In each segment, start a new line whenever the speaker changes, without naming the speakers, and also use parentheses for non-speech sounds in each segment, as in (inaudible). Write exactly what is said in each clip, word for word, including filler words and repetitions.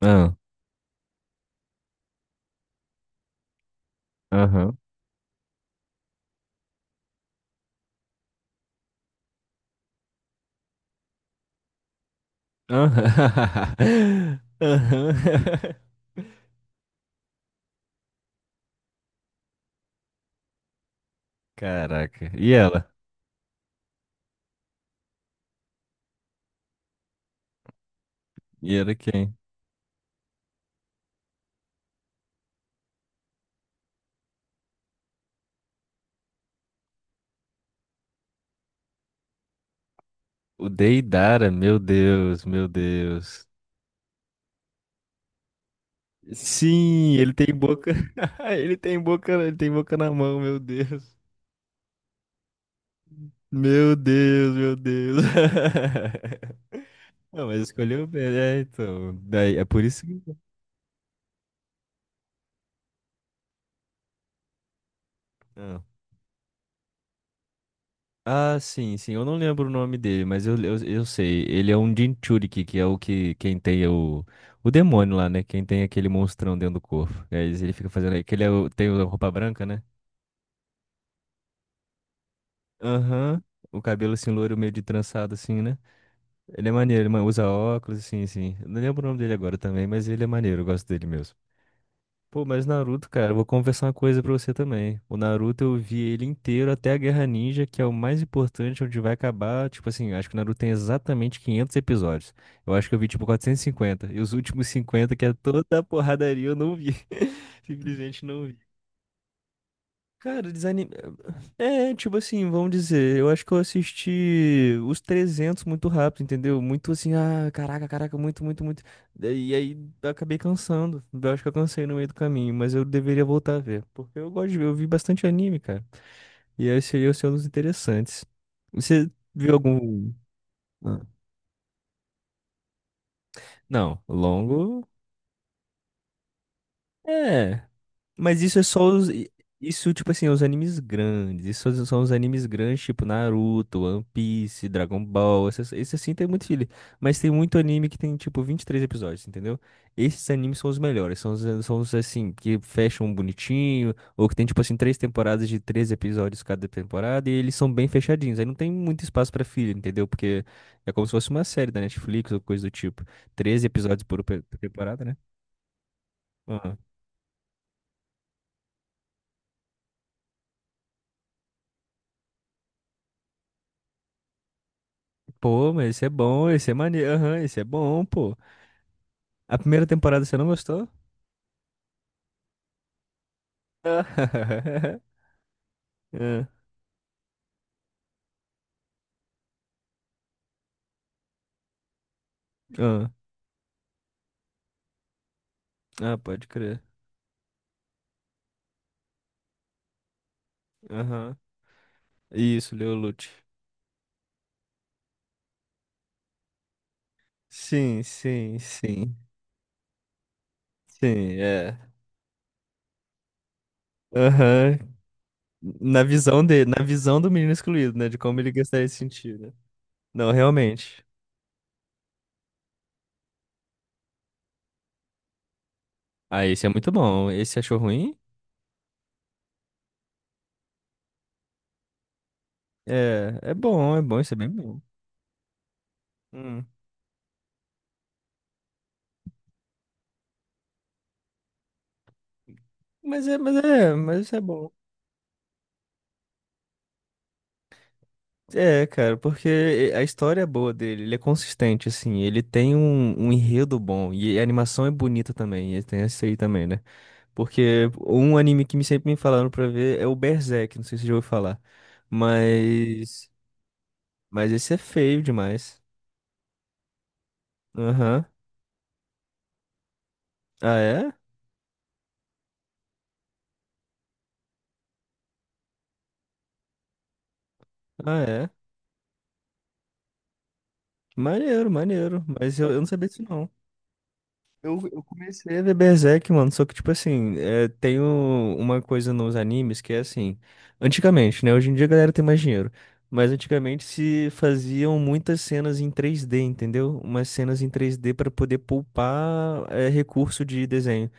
Ah. Aham. Aham. (laughs) Aham. Caraca. E ela? E ela é quem? O Deidara, meu Deus, meu Deus. Sim, ele tem boca. (laughs) Ele tem boca, ele tem boca na mão, meu Deus. Meu Deus, meu Deus. (laughs) Não, mas escolheu bem, é, então. Daí, é por isso que. Ah. Ah, sim, sim. Eu não lembro o nome dele, mas eu, eu, eu sei. Ele é um Jinchuriki, que é o que quem tem o, o demônio lá, né? Quem tem aquele monstrão dentro do corpo. Aí ele fica fazendo aí. Que ele é o- tem a roupa branca, né? Aham. O cabelo assim, loiro, meio de trançado, assim, né? Ele é maneiro, ele ma- usa óculos, assim, assim. Eu Não lembro o nome dele agora também, mas ele é maneiro, eu gosto dele mesmo. Pô, mas Naruto, cara, eu vou confessar uma coisa pra você também. O Naruto eu vi ele inteiro até a Guerra Ninja, que é o mais importante, onde vai acabar. Tipo assim, acho que o Naruto tem exatamente quinhentos episódios. Eu acho que eu vi tipo quatrocentos e cinquenta. E cinquenta. E os últimos cinquenta, que é toda a porradaria, eu não vi. (laughs) Simplesmente não vi. Cara, desanime... É, tipo assim, vamos dizer, eu acho que eu assisti os trezentos muito rápido, entendeu? Muito assim, ah, caraca, caraca, muito, muito, muito. E aí eu acabei cansando. Eu acho que eu cansei no meio do caminho, mas eu deveria voltar a ver, porque eu gosto de ver, eu vi bastante anime, cara. E aí seria o seu dos interessantes. Você viu algum? Ah. Não, longo. É. Mas isso é só os. Isso, tipo assim, é os animes grandes. Isso são os animes grandes, tipo Naruto, One Piece, Dragon Ball. Esses, esse assim tem muito filho. Mas tem muito anime que tem, tipo, vinte e três episódios, entendeu? Esses animes são os melhores. São os, são os, assim, que fecham bonitinho. Ou que tem, tipo assim, três temporadas de três episódios cada temporada. E eles são bem fechadinhos. Aí não tem muito espaço pra filho, entendeu? Porque é como se fosse uma série da Netflix ou coisa do tipo. treze episódios por pe- por temporada, né? Pô, mas esse é bom, esse é maneiro. Aham, esse é bom, pô. A primeira temporada você não gostou? (laughs) Ah, ah, ah, pode crer. Aham. Isso, Leolute. Sim, sim, sim. Sim, é. Aham. Na visão dele, na visão do menino excluído, né? De como ele gostaria de se sentir, né? Não, realmente. Ah, esse é muito bom. Esse você achou ruim? É, é bom, é bom, isso é bem bom. Hum. Mas é, mas é, mas isso é bom. É, cara, porque eh, a história é boa dele, ele é consistente, assim, ele tem um, um enredo bom, e a animação é bonita também, e tem esse aí também, né? Porque um anime que me sempre me falaram pra ver é o Berserk, não sei se você já ouviu falar, mas... Mas esse é feio demais. Aham. Ah, é? Ah, é? Maneiro, maneiro, mas eu, eu não sabia disso não. Eu, eu comecei a ver Berserk, mano, só que, tipo assim, é, tem o- uma coisa nos animes que é assim, antigamente, né? Hoje em dia a galera tem mais dinheiro, mas antigamente se faziam muitas cenas em três D, entendeu? Umas cenas em três D pra poder poupar, é, recurso de desenho.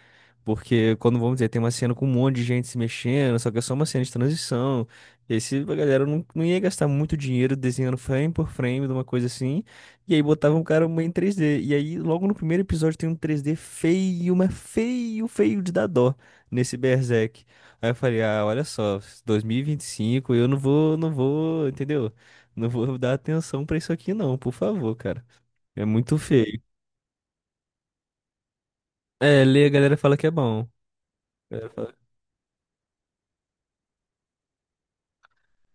Porque quando, vamos dizer, tem uma cena com um monte de gente se mexendo, só que é só uma cena de transição. E aí se a galera não, não ia gastar muito dinheiro desenhando frame por frame de uma coisa assim. E aí botava um cara em três D. E aí, logo no primeiro episódio, tem um três D feio, mas feio, feio de dar dó nesse Berserk. Aí eu falei, ah, olha só, dois mil e vinte e cinco, eu não vou, não vou, entendeu? Não vou (laughs) dar atenção pra isso aqui, não, por favor, cara. É muito feio. É, ler a galera fala que é bom.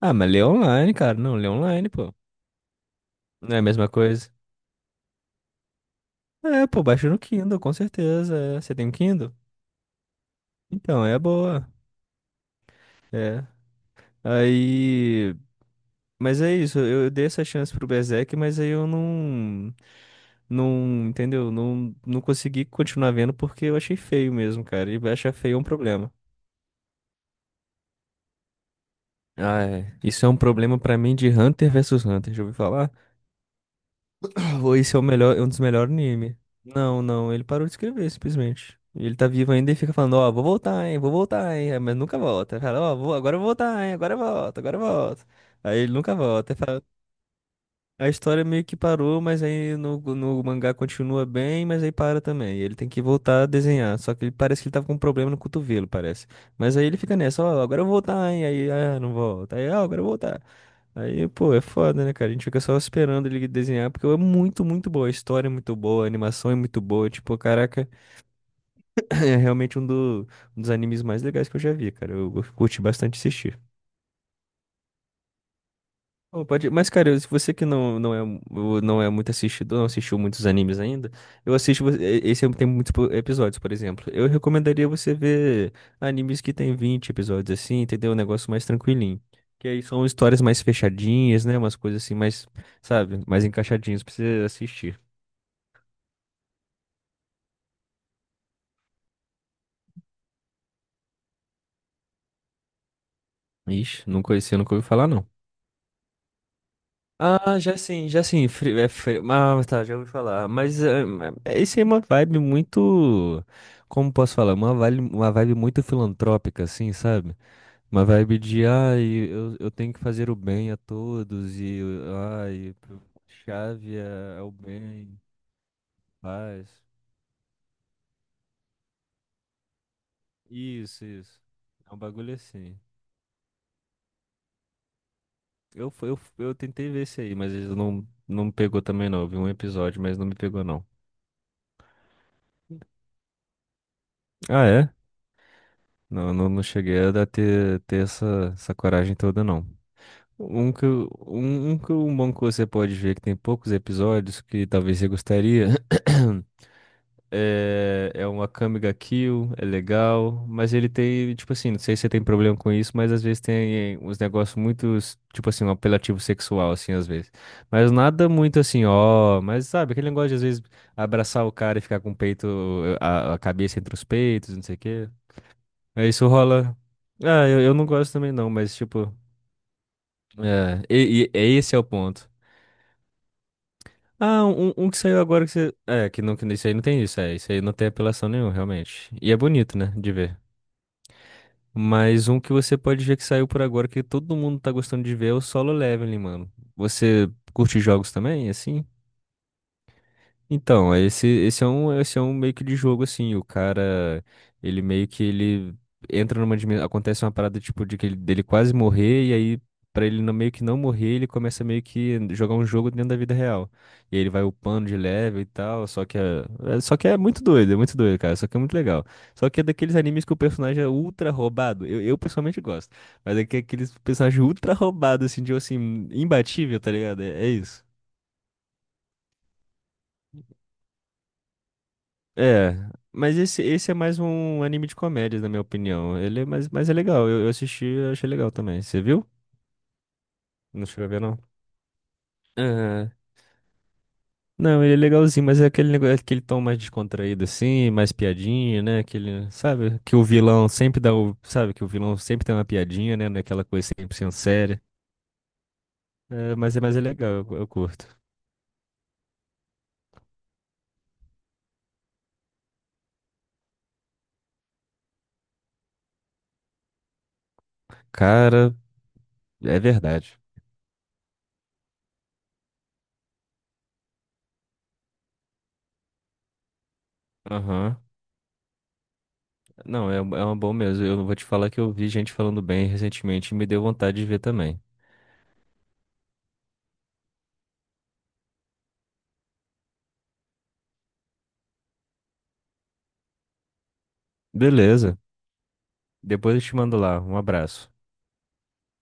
Ah, mas lê online, cara. Não, lê online, pô. Não é a mesma coisa. É, pô, baixa no Kindle, com certeza. é. Você tem um Kindle? Então, é boa. É. Aí. Mas é isso, eu eu dei essa chance pro Berserk, mas aí eu não. Não, entendeu? Não, não consegui continuar vendo porque eu achei feio mesmo, cara. E achar feio é um problema. Ah, é. Isso é um problema pra mim de Hunter versus Hunter, já ouviu falar? Pô, Esse é o melhor, é um dos melhores anime. Não, não, ele parou de escrever, simplesmente. Ele tá vivo ainda e fica falando, ó, vou voltar, hein, vou voltar, hein, é, mas nunca volta. Fala, ó, vou, agora eu vou voltar, hein, agora eu volto, agora eu volto. Aí ele nunca volta. Aí fala- a história meio que parou, mas aí no, no, mangá continua bem, mas aí para também. Ele tem que voltar a desenhar, só que ele parece que ele tava com um problema no cotovelo, parece. Mas aí ele fica nessa, ó, agora eu vou voltar, hein, aí, ah, não volta. Aí, ó, agora eu vou voltar. Aí, pô, é foda, né, cara? A gente fica só esperando ele desenhar, porque é muito, muito boa. A história é muito boa, a animação é muito boa. Tipo, caraca, (laughs) (clears throat) é realmente um, do- um dos animes mais legais que eu já vi, cara. Eu, eu curti bastante assistir. Pô, pode... Mas, cara, eu- se você que não, não, é, mu- não é muito assistidor, não assistiu muitos animes ainda, eu assisto. vo- e- Esse é, tem muitos po- episódios, por exemplo. Eu recomendaria você ver animes que tem vinte episódios assim, entendeu? Um negócio mais tranquilinho. Que aí são histórias mais fechadinhas, né? Umas coisas assim, mais, sabe? Mais encaixadinhas pra você assistir. Ixi, nunca, esse eu nunca ouvi falar, não. Ah, já sim, já sim. Fri- é fri- Ah, tá, já ouvi falar. Mas é, é- esse é uma vibe muito. Como posso falar? Uma vibe, uma vibe muito filantrópica, assim, sabe? Uma vibe de, ai, eu, eu tenho que fazer o bem a todos, e, ai, chave é, é o bem, paz. Isso, isso. É um bagulho assim. Eu, fu- eu, fu- eu tentei ver esse aí, mas ele não, não me pegou também, não. Eu vi um episódio, mas não me pegou, não. Ah, é? Não, não, não cheguei a dar- ter, ter essa, essa coragem toda, não. Um que, eu- um, um que eu- um bom que você pode ver, que tem poucos episódios, que talvez você gostaria, (clears throat) é, é uma Akame ga Kill, é legal, mas ele tem, tipo assim, não sei se você tem problema com isso, mas às vezes tem uns negócios muito, tipo assim, um apelativo sexual, assim, às vezes. Mas nada muito assim, ó, mas sabe, aquele negócio de às vezes abraçar o cara e ficar com o peito, a, a cabeça entre os peitos, não sei o quê. É, isso rola. Ah, eu, eu não gosto também não, mas tipo. É, e, e- e esse é o ponto. Ah, um, um que saiu agora que você. É, que não, que isso aí não tem isso, é. Isso aí não tem apelação nenhuma, realmente. E é bonito, né, de ver. Mas um que você pode ver que saiu por agora que todo mundo tá gostando de ver é o Solo Leveling, mano. Você curte jogos também, assim? Então, esse, esse é um, esse é um meio que de jogo, assim, o cara, ele meio que ele entra numa dimensão, acontece uma parada, tipo, de que ele, dele quase morrer, e aí, pra ele não, meio que não morrer, ele começa meio que jogar um jogo dentro da vida real. E aí ele vai upando de level e tal, só que é, é- só que é muito doido, é muito doido, cara, só que é muito legal. Só que é daqueles animes que o personagem é ultra roubado, eu, eu pessoalmente gosto, mas é que é aqueles personagens ultra roubados, assim, de, assim, imbatível, tá ligado? é é isso. É, mas esse, esse é mais um anime de comédias, na minha opinião. Ele é mais, mas é legal. Eu, eu assisti, eu achei legal também. Você viu? Não chegou a ver, não? Aham. Não, ele é legalzinho, mas é aquele negócio, aquele tom mais descontraído assim, mais piadinha, né? Aquele, sabe? Que o vilão sempre dá, o, sabe? Que o vilão sempre tem uma piadinha, né? Naquela coisa cem por cento séria. É, mas é, mas é legal, eu, eu curto. Cara, é verdade. Aham. Não, é, é uma boa mesmo. Eu vou te falar que eu vi gente falando bem recentemente e me deu vontade de ver também. Beleza. Depois eu te mando lá. Um abraço.